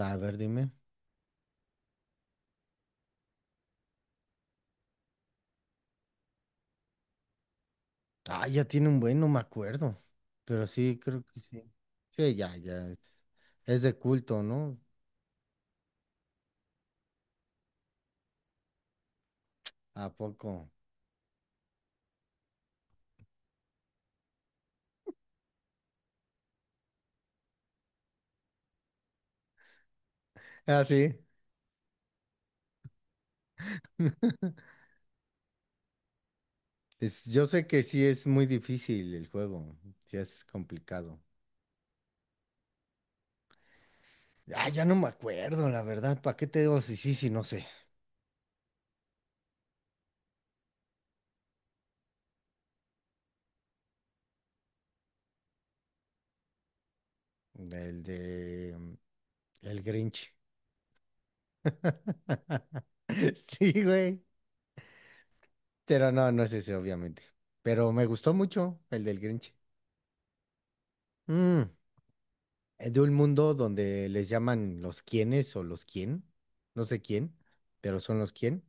Va, a ver, dime. Ah, ya tiene un buen, no me acuerdo. Pero sí, creo que sí. Sí, ya, ya. Es de culto, ¿no? ¿A poco? Ah, sí. Yo sé que sí es muy difícil el juego. Sí es complicado. Ah, ya no me acuerdo, la verdad. ¿Para qué te digo si sí, si no sé? El de, el Grinch. Sí, güey. Pero no, no es ese, obviamente. Pero me gustó mucho el del Grinch. Mm. De un mundo donde les llaman los quienes o los quién, no sé quién, pero son los quién,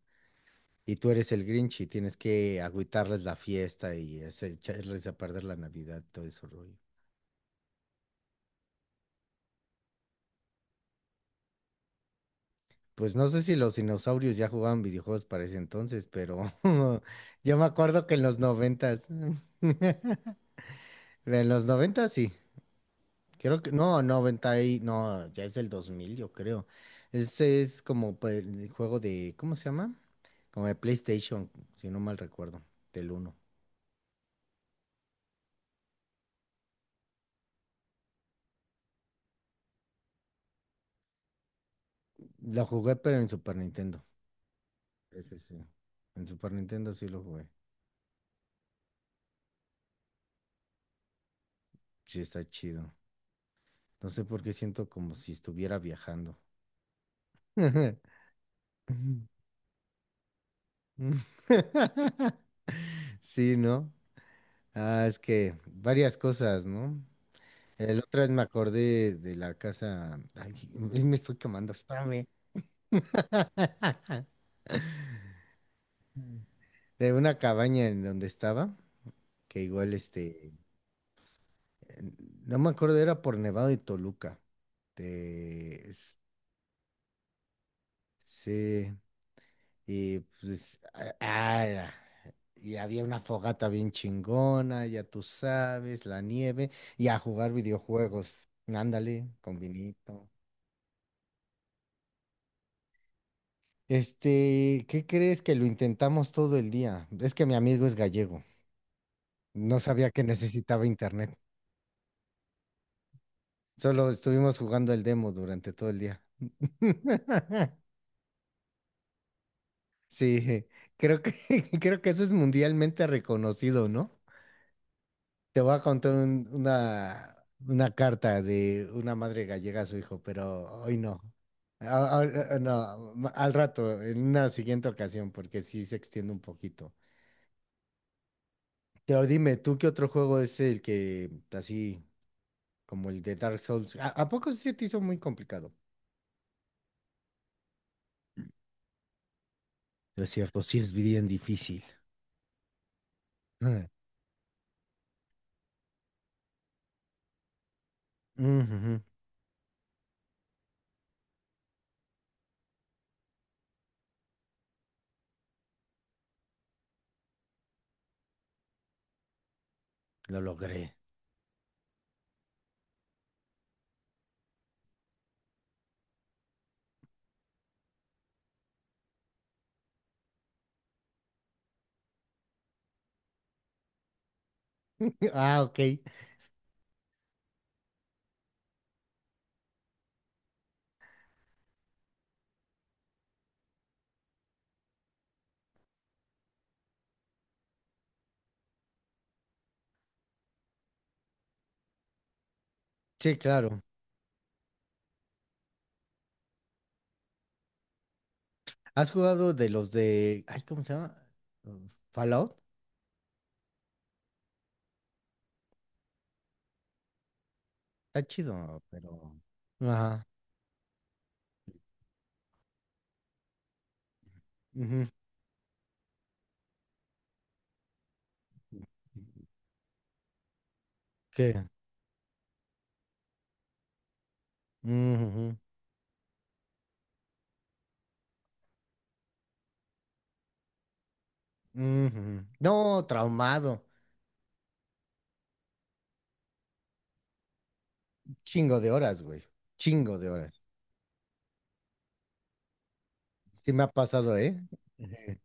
y tú eres el Grinch y tienes que agüitarles la fiesta y echarles a perder la Navidad, todo eso rollo. Pues no sé si los dinosaurios ya jugaban videojuegos para ese entonces, pero yo me acuerdo que en los noventas, en los noventas sí. Creo que, no, 90 y, no, ya es del 2000 yo creo. Ese es como pues, el juego de, ¿cómo se llama? Como de PlayStation, si no mal recuerdo, del uno. Lo jugué, pero en Super Nintendo. Ese sí. En Super Nintendo sí lo jugué. Sí, está chido. No sé por qué siento como si estuviera viajando. Sí, ¿no? Ah, es que varias cosas, ¿no? El otra vez me acordé de la casa. Ay, me estoy quemando. Espérame. De una cabaña en donde estaba, que igual este, en- no me acuerdo, era por Nevado y Toluca. de- s- sí, y pues, y había una fogata bien chingona, ya tú sabes, la nieve, y a jugar videojuegos. Ándale, con vinito. Este, ¿qué crees que lo intentamos todo el día? Es que mi amigo es gallego, no sabía que necesitaba internet. Solo estuvimos jugando el demo durante todo el día. Sí, creo que, creo que eso es mundialmente reconocido, ¿no? Te voy a contar una carta de una madre gallega a su hijo, pero hoy no. Ah, ah, ah, no, al rato, en una siguiente ocasión, porque sí se extiende un poquito. Pero dime, ¿tú qué otro juego es el que, así como el de Dark Souls? ¿A poco sí se te hizo muy complicado? Es cierto, sí es bien difícil. Ujujú, lo logré. Ah, ok. Sí, claro. ¿Has jugado de los de...? Ay, ¿cómo se llama? Fallout. Está chido, pero... Ajá. Ujú. ¿Qué? Ujujú, ujujú. No, traumado. Chingo de horas, güey. Chingo de horas. Sí me ha pasado, ¿eh?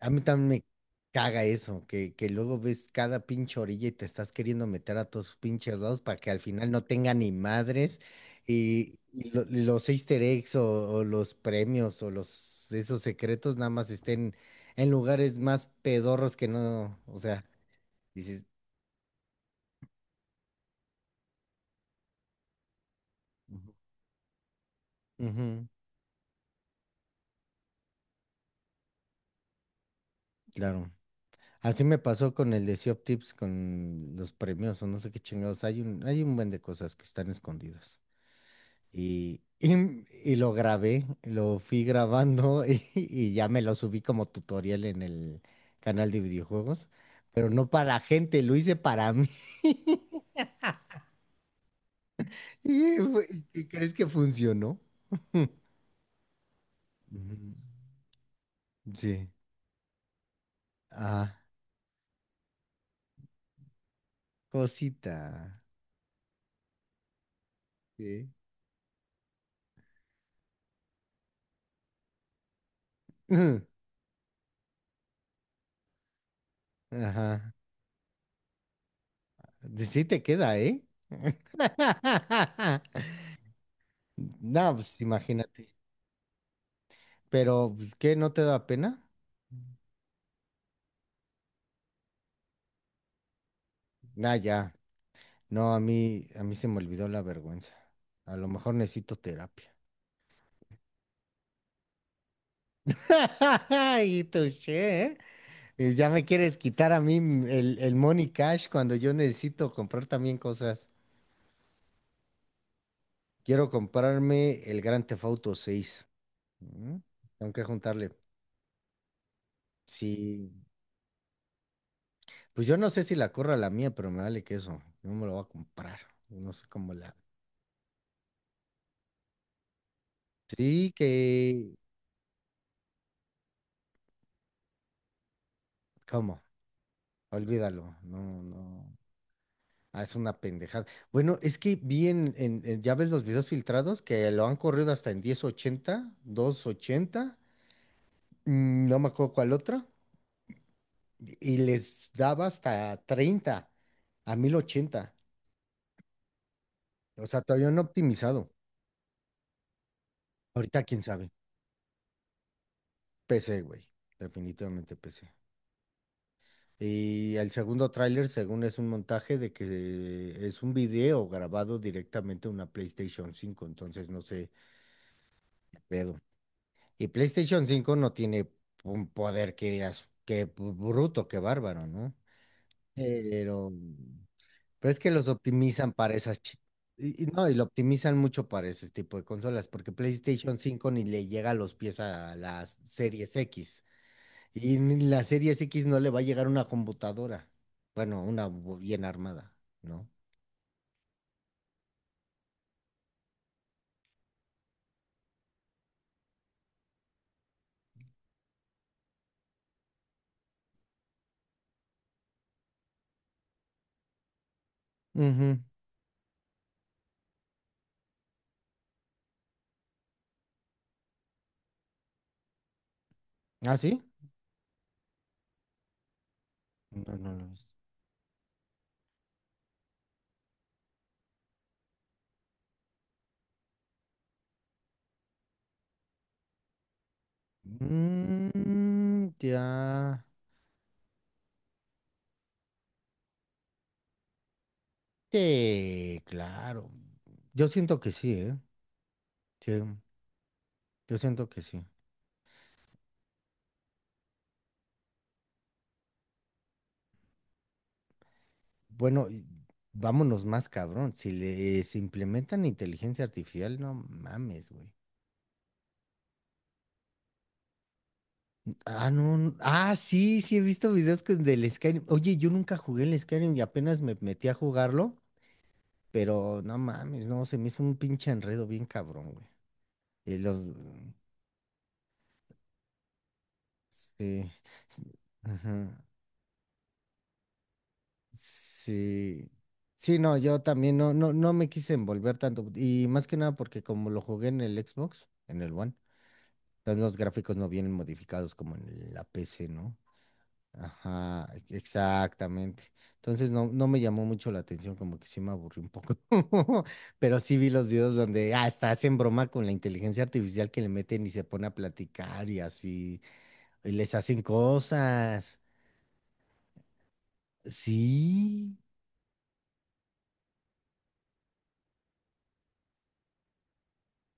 A mí también me caga eso, que luego ves cada pinche orilla y te estás queriendo meter a todos pinches lados para que al final no tenga ni madres y los Easter eggs o los premios o los esos secretos nada más estén en lugares más pedorros que no, o sea, dices, ujú, ujú, claro. Así me pasó con el de Shop Tips, con los premios o no sé qué chingados. Hay un buen de cosas que están escondidas. Y lo grabé, lo fui grabando y ya me lo subí como tutorial en el canal de videojuegos, pero no para la gente, lo hice para mí. Y fue- ¿Y crees que funcionó? Ujú. Sí. Ah, cosita. Sí. Ajá. Sí, sí te queda, ¿eh? No, pues imagínate. Pero, pues, ¿qué? ¿No te da pena? Ah, ya. No, a mí se me olvidó la vergüenza. A lo mejor necesito terapia. Y touché, ¿eh? Y ya me quieres quitar a mí el money cash cuando yo necesito comprar también cosas. Quiero comprarme el Grand Theft Auto 6. Mm, Tengo que juntarle. Sí, pues yo no sé si la corra la mía, pero me vale queso. Yo me lo voy a comprar. Yo no sé cómo la. Sí, que. ¿Cómo? Olvídalo. No, no. Ah, es una pendejada. Bueno, es que vi en, ya ves los videos filtrados que lo han corrido hasta en 1080, 280, no me acuerdo cuál otra, y les daba hasta 30 a 1080. O sea, todavía no optimizado. Ahorita quién sabe. PC, güey. Definitivamente PC. Y el segundo tráiler, según es un montaje de que es un video grabado directamente a una PlayStation 5, entonces no sé, qué pedo. Y PlayStation 5 no tiene un poder que digas, qué bruto, qué bárbaro, ¿no? Pero, pero es que los optimizan para esas... Y, y no, y lo optimizan mucho para ese tipo de consolas, porque PlayStation 5 ni le llega a los pies a las Series X. Y ni la Series X no le va a llegar una computadora. Bueno, una bien armada, ¿no? Ujú. ¿Ah, sí? No, no lo he visto. Mm, ya. Sí, claro. Yo siento que sí, ¿eh? Sí, yo siento que sí. Bueno, y vámonos más cabrón. Si les implementan inteligencia artificial, no mames, güey. Ah, no. Ah, sí, sí, he visto videos del Skyrim. Oye, yo nunca jugué el Skyrim y apenas me metí a jugarlo, pero no mames, no, se me hizo un pinche enredo bien cabrón, güey. Y los... Sí. s- Ajá. Sí. Sí, no, yo también no, no, no me quise envolver tanto. Y más que nada porque como lo jugué en el Xbox, en el One, entonces los gráficos no vienen modificados como en la PC, ¿no? Ajá, exactamente. Entonces no, no me llamó mucho la atención, como que sí me aburrí un poco. Pero sí vi los videos donde hasta hacen broma con la inteligencia artificial que le meten y se pone a platicar y así, y les hacen cosas. Sí,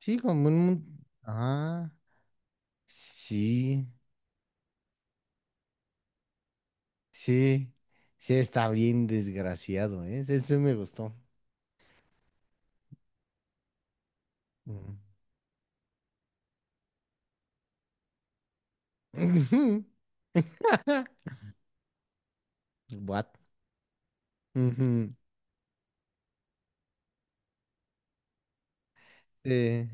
sí, como un... Ajá. Sí, sí, sí, está bien desgraciado, ¿eh? Ese me gustó. Ujú. What? Ujú. Eh,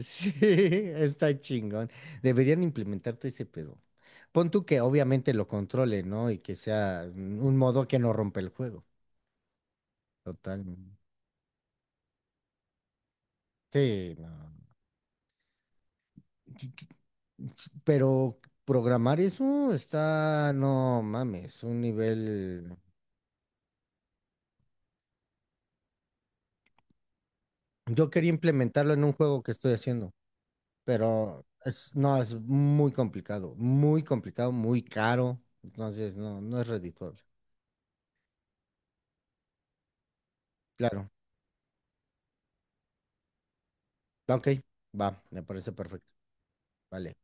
sí, está chingón. Deberían implementar todo ese pedo. Pon tú que obviamente lo controle, ¿no? Y que sea un modo que no rompe el juego. Totalmente. Sí, no. Qui- qui- Pero programar eso está, no mames, un nivel. Yo quería implementarlo en un juego que estoy haciendo, pero es, no, es muy complicado, muy complicado, muy caro. Entonces, no, no es redituable. Claro. Ok, va, me parece perfecto. Vale.